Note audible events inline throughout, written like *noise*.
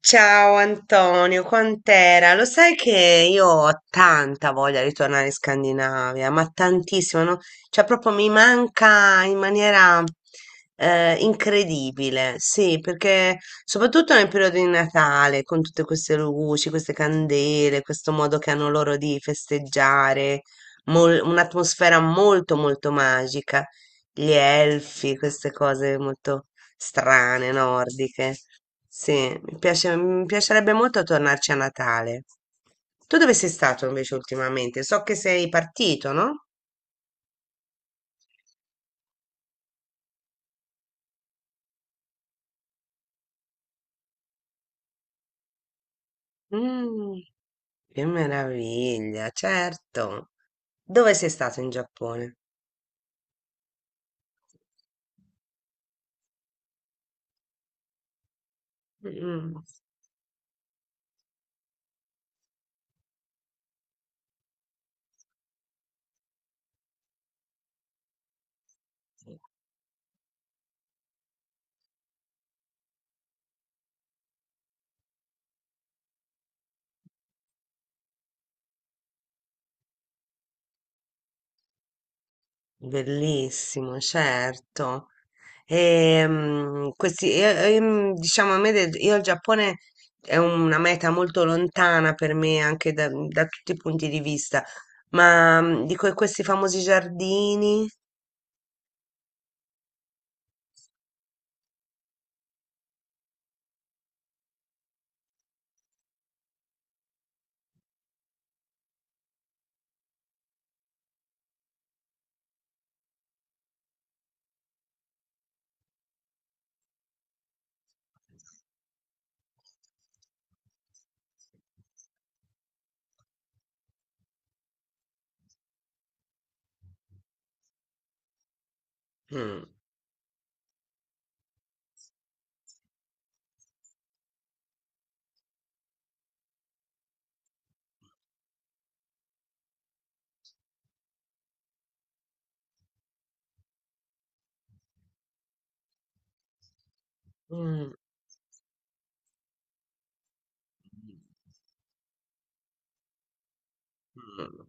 Ciao Antonio, quant'era? Lo sai che io ho tanta voglia di tornare in Scandinavia, ma tantissimo, no? Cioè proprio mi manca in maniera incredibile, sì, perché soprattutto nel periodo di Natale, con tutte queste luci, queste candele, questo modo che hanno loro di festeggiare, un'atmosfera molto molto magica, gli elfi, queste cose molto strane, nordiche. Sì, mi piacerebbe molto tornarci a Natale. Tu dove sei stato invece ultimamente? So che sei partito, no? Mm, che meraviglia, certo. Dove sei stato in Giappone? Mm. Bellissimo, certo. Questi, diciamo, io il Giappone è una meta molto lontana per me anche da tutti i punti di vista, ma dico, e questi famosi giardini? Mm, mm, mm.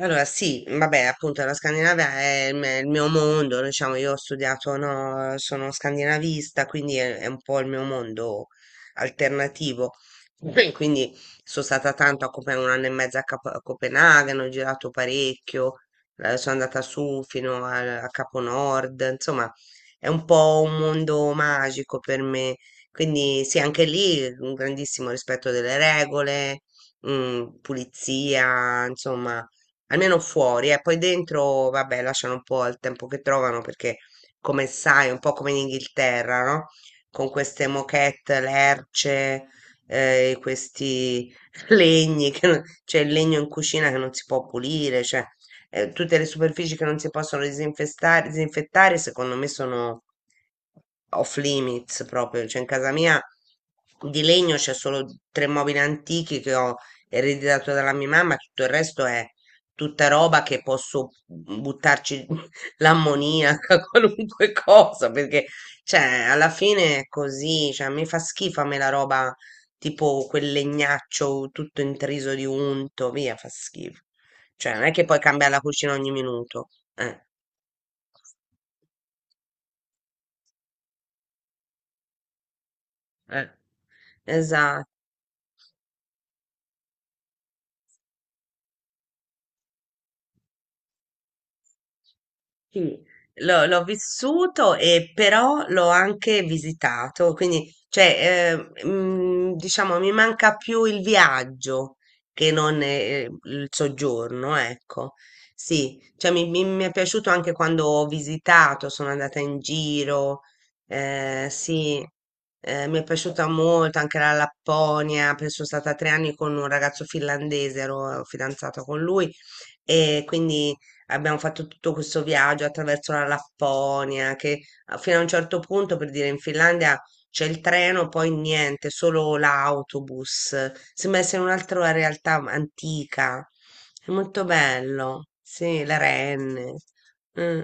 Allora, sì, vabbè, appunto la Scandinavia è il mio mondo, diciamo, io ho studiato, no, sono scandinavista, quindi è un po' il mio mondo alternativo. Beh, quindi sono stata tanto a Copenaghen, un anno e mezzo a Copenaghen, ho girato parecchio, sono andata su fino a Capo Nord, insomma, è un po' un mondo magico per me. Quindi sì, anche lì un grandissimo rispetto delle regole, pulizia, insomma almeno fuori, e poi dentro, vabbè, lasciano un po' il tempo che trovano perché, come sai, un po' come in Inghilterra, no? Con queste moquette, lerce, questi *laughs* legni, che non- cioè il legno in cucina che non si può pulire, cioè tutte le superfici che non si possono disinfettare, secondo me sono off limits proprio, cioè in casa mia di legno c'è solo tre mobili antichi che ho ereditato dalla mia mamma, tutto il resto è tutta roba che posso buttarci *laughs* l'ammoniaca, *laughs* qualunque cosa, perché cioè, alla fine è così, cioè, mi fa schifo a me la roba tipo quel legnaccio tutto intriso di unto, via, fa schifo. Cioè, non è che puoi cambiare la cucina ogni minuto. Eh, eh, esatto. Sì, l'ho vissuto e però l'ho anche visitato, quindi cioè, diciamo mi manca più il viaggio che non il soggiorno, ecco. Sì, cioè, mi è piaciuto anche quando ho visitato, sono andata in giro, sì, mi è piaciuta molto anche la Lapponia, poi sono stata 3 anni con un ragazzo finlandese, ero fidanzata con lui e quindi abbiamo fatto tutto questo viaggio attraverso la Lapponia, che fino a un certo punto, per dire, in Finlandia c'è il treno, poi niente, solo l'autobus. Sembra essere un'altra realtà antica. È molto bello. Sì, le renne. Mm.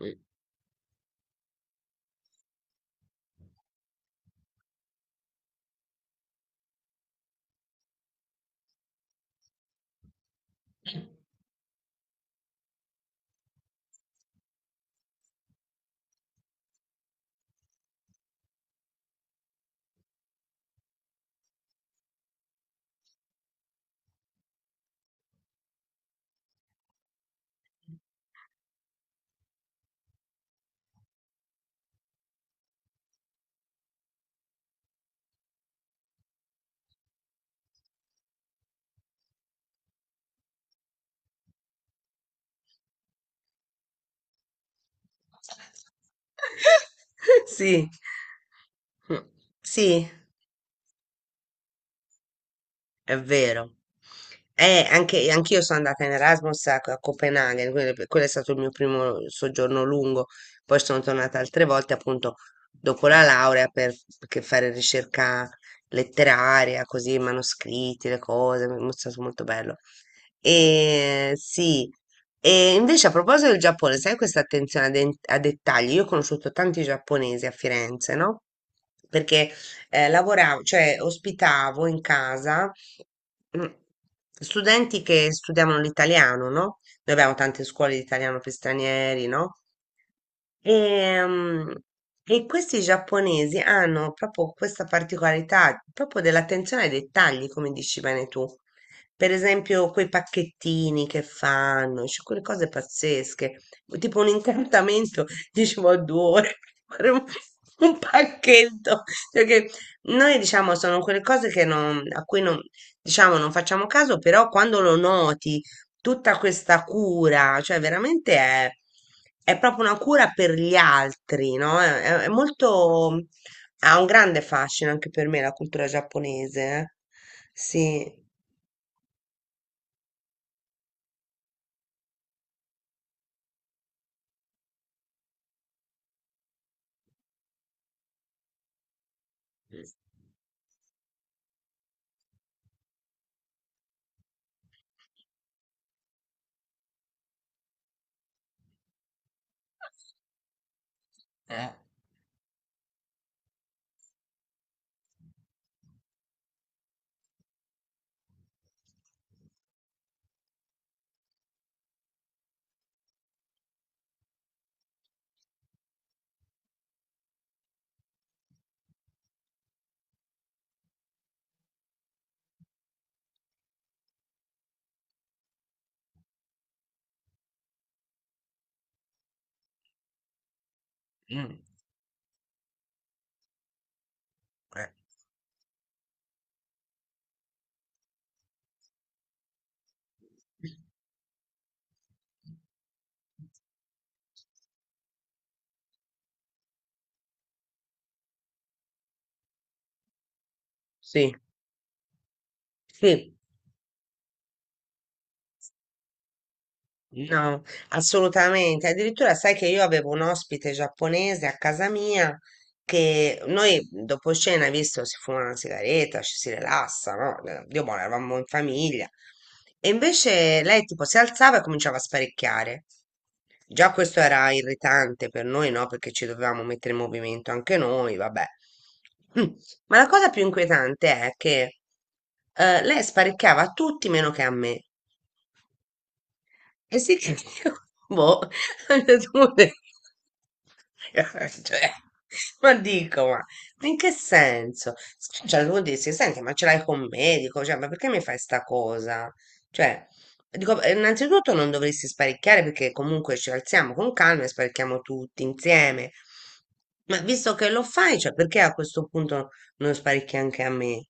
Mm. *laughs* Sì. Mm. Sì. È vero. Anche, anch'io sono andata in Erasmus a Copenaghen, quindi quello è stato il mio primo soggiorno lungo. Poi sono tornata altre volte, appunto, dopo la laurea perché fare ricerca letteraria, così, manoscritti, le cose, mi è stato molto bello. E sì, e invece a proposito del Giappone, sai questa attenzione a dettagli? Io ho conosciuto tanti giapponesi a Firenze, no? Perché lavoravo, cioè ospitavo in casa mm, studenti che studiavano l'italiano, no? Noi abbiamo tante scuole di italiano per stranieri, no? Ehm, E, questi giapponesi hanno proprio questa particolarità, proprio dell'attenzione ai dettagli, come dici bene tu. Per esempio, quei pacchettini che fanno, cioè quelle cose pazzesche, tipo un incantamento, *laughs* dicevo, a 2 ore per fare un pacchetto. Cioè che noi diciamo sono quelle cose che non- a cui non, diciamo, non facciamo caso, però quando lo noti, tutta questa cura, cioè veramente è proprio una cura per gli altri, no? È, è molto, ha un grande fascino anche per me la cultura giapponese, eh. Sì, Mm. Eh, sì, sì. No, assolutamente. Addirittura sai che io avevo un ospite giapponese a casa mia che noi dopo cena, visto, si fuma una sigaretta, ci si rilassa, no? Dio buono, eravamo in famiglia. E invece lei tipo si alzava e cominciava a sparecchiare. Già questo era irritante per noi, no? Perché ci dovevamo mettere in movimento anche noi, vabbè. Mm. Ma la cosa più inquietante è che lei sparecchiava a tutti meno che a me. E sì che io, boh, *laughs* ho detto, "Vabbè". *laughs* Cioè, ma dico, ma in che senso? Cioè, devo dirsi, senti, ma ce l'hai con un medico? Cioè, ma perché mi fai sta cosa? Cioè, dico, innanzitutto non dovresti sparicchiare perché comunque ci alziamo con calma e sparicchiamo tutti insieme. Ma visto che lo fai, cioè, perché a questo punto non sparicchi anche a me?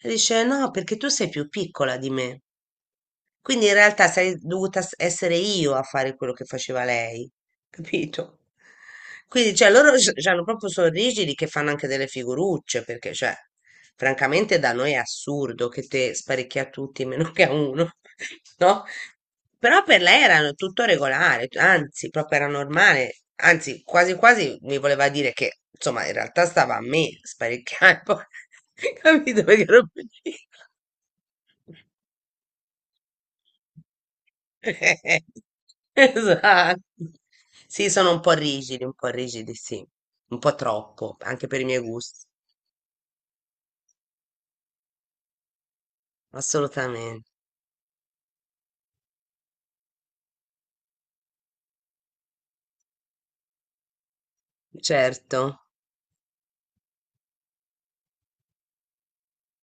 E dice, no, perché tu sei più piccola di me. Quindi in realtà sarei dovuta essere io a fare quello che faceva lei, *laughs* capito? Quindi, cioè, loro hanno proprio sono rigidi che fanno anche delle figurucce, perché, cioè, francamente da noi è assurdo che te sparecchi a tutti meno che a uno, *laughs* no? Però per lei era tutto regolare, anzi, proprio era normale, anzi, quasi quasi mi voleva dire che, insomma, in realtà stava a me sparecchiare, *laughs* poi, capito? Perché ero più *laughs* Esatto. Sì, sono un po' rigidi, sì, un po' troppo, anche per i miei gusti. Assolutamente. Certo.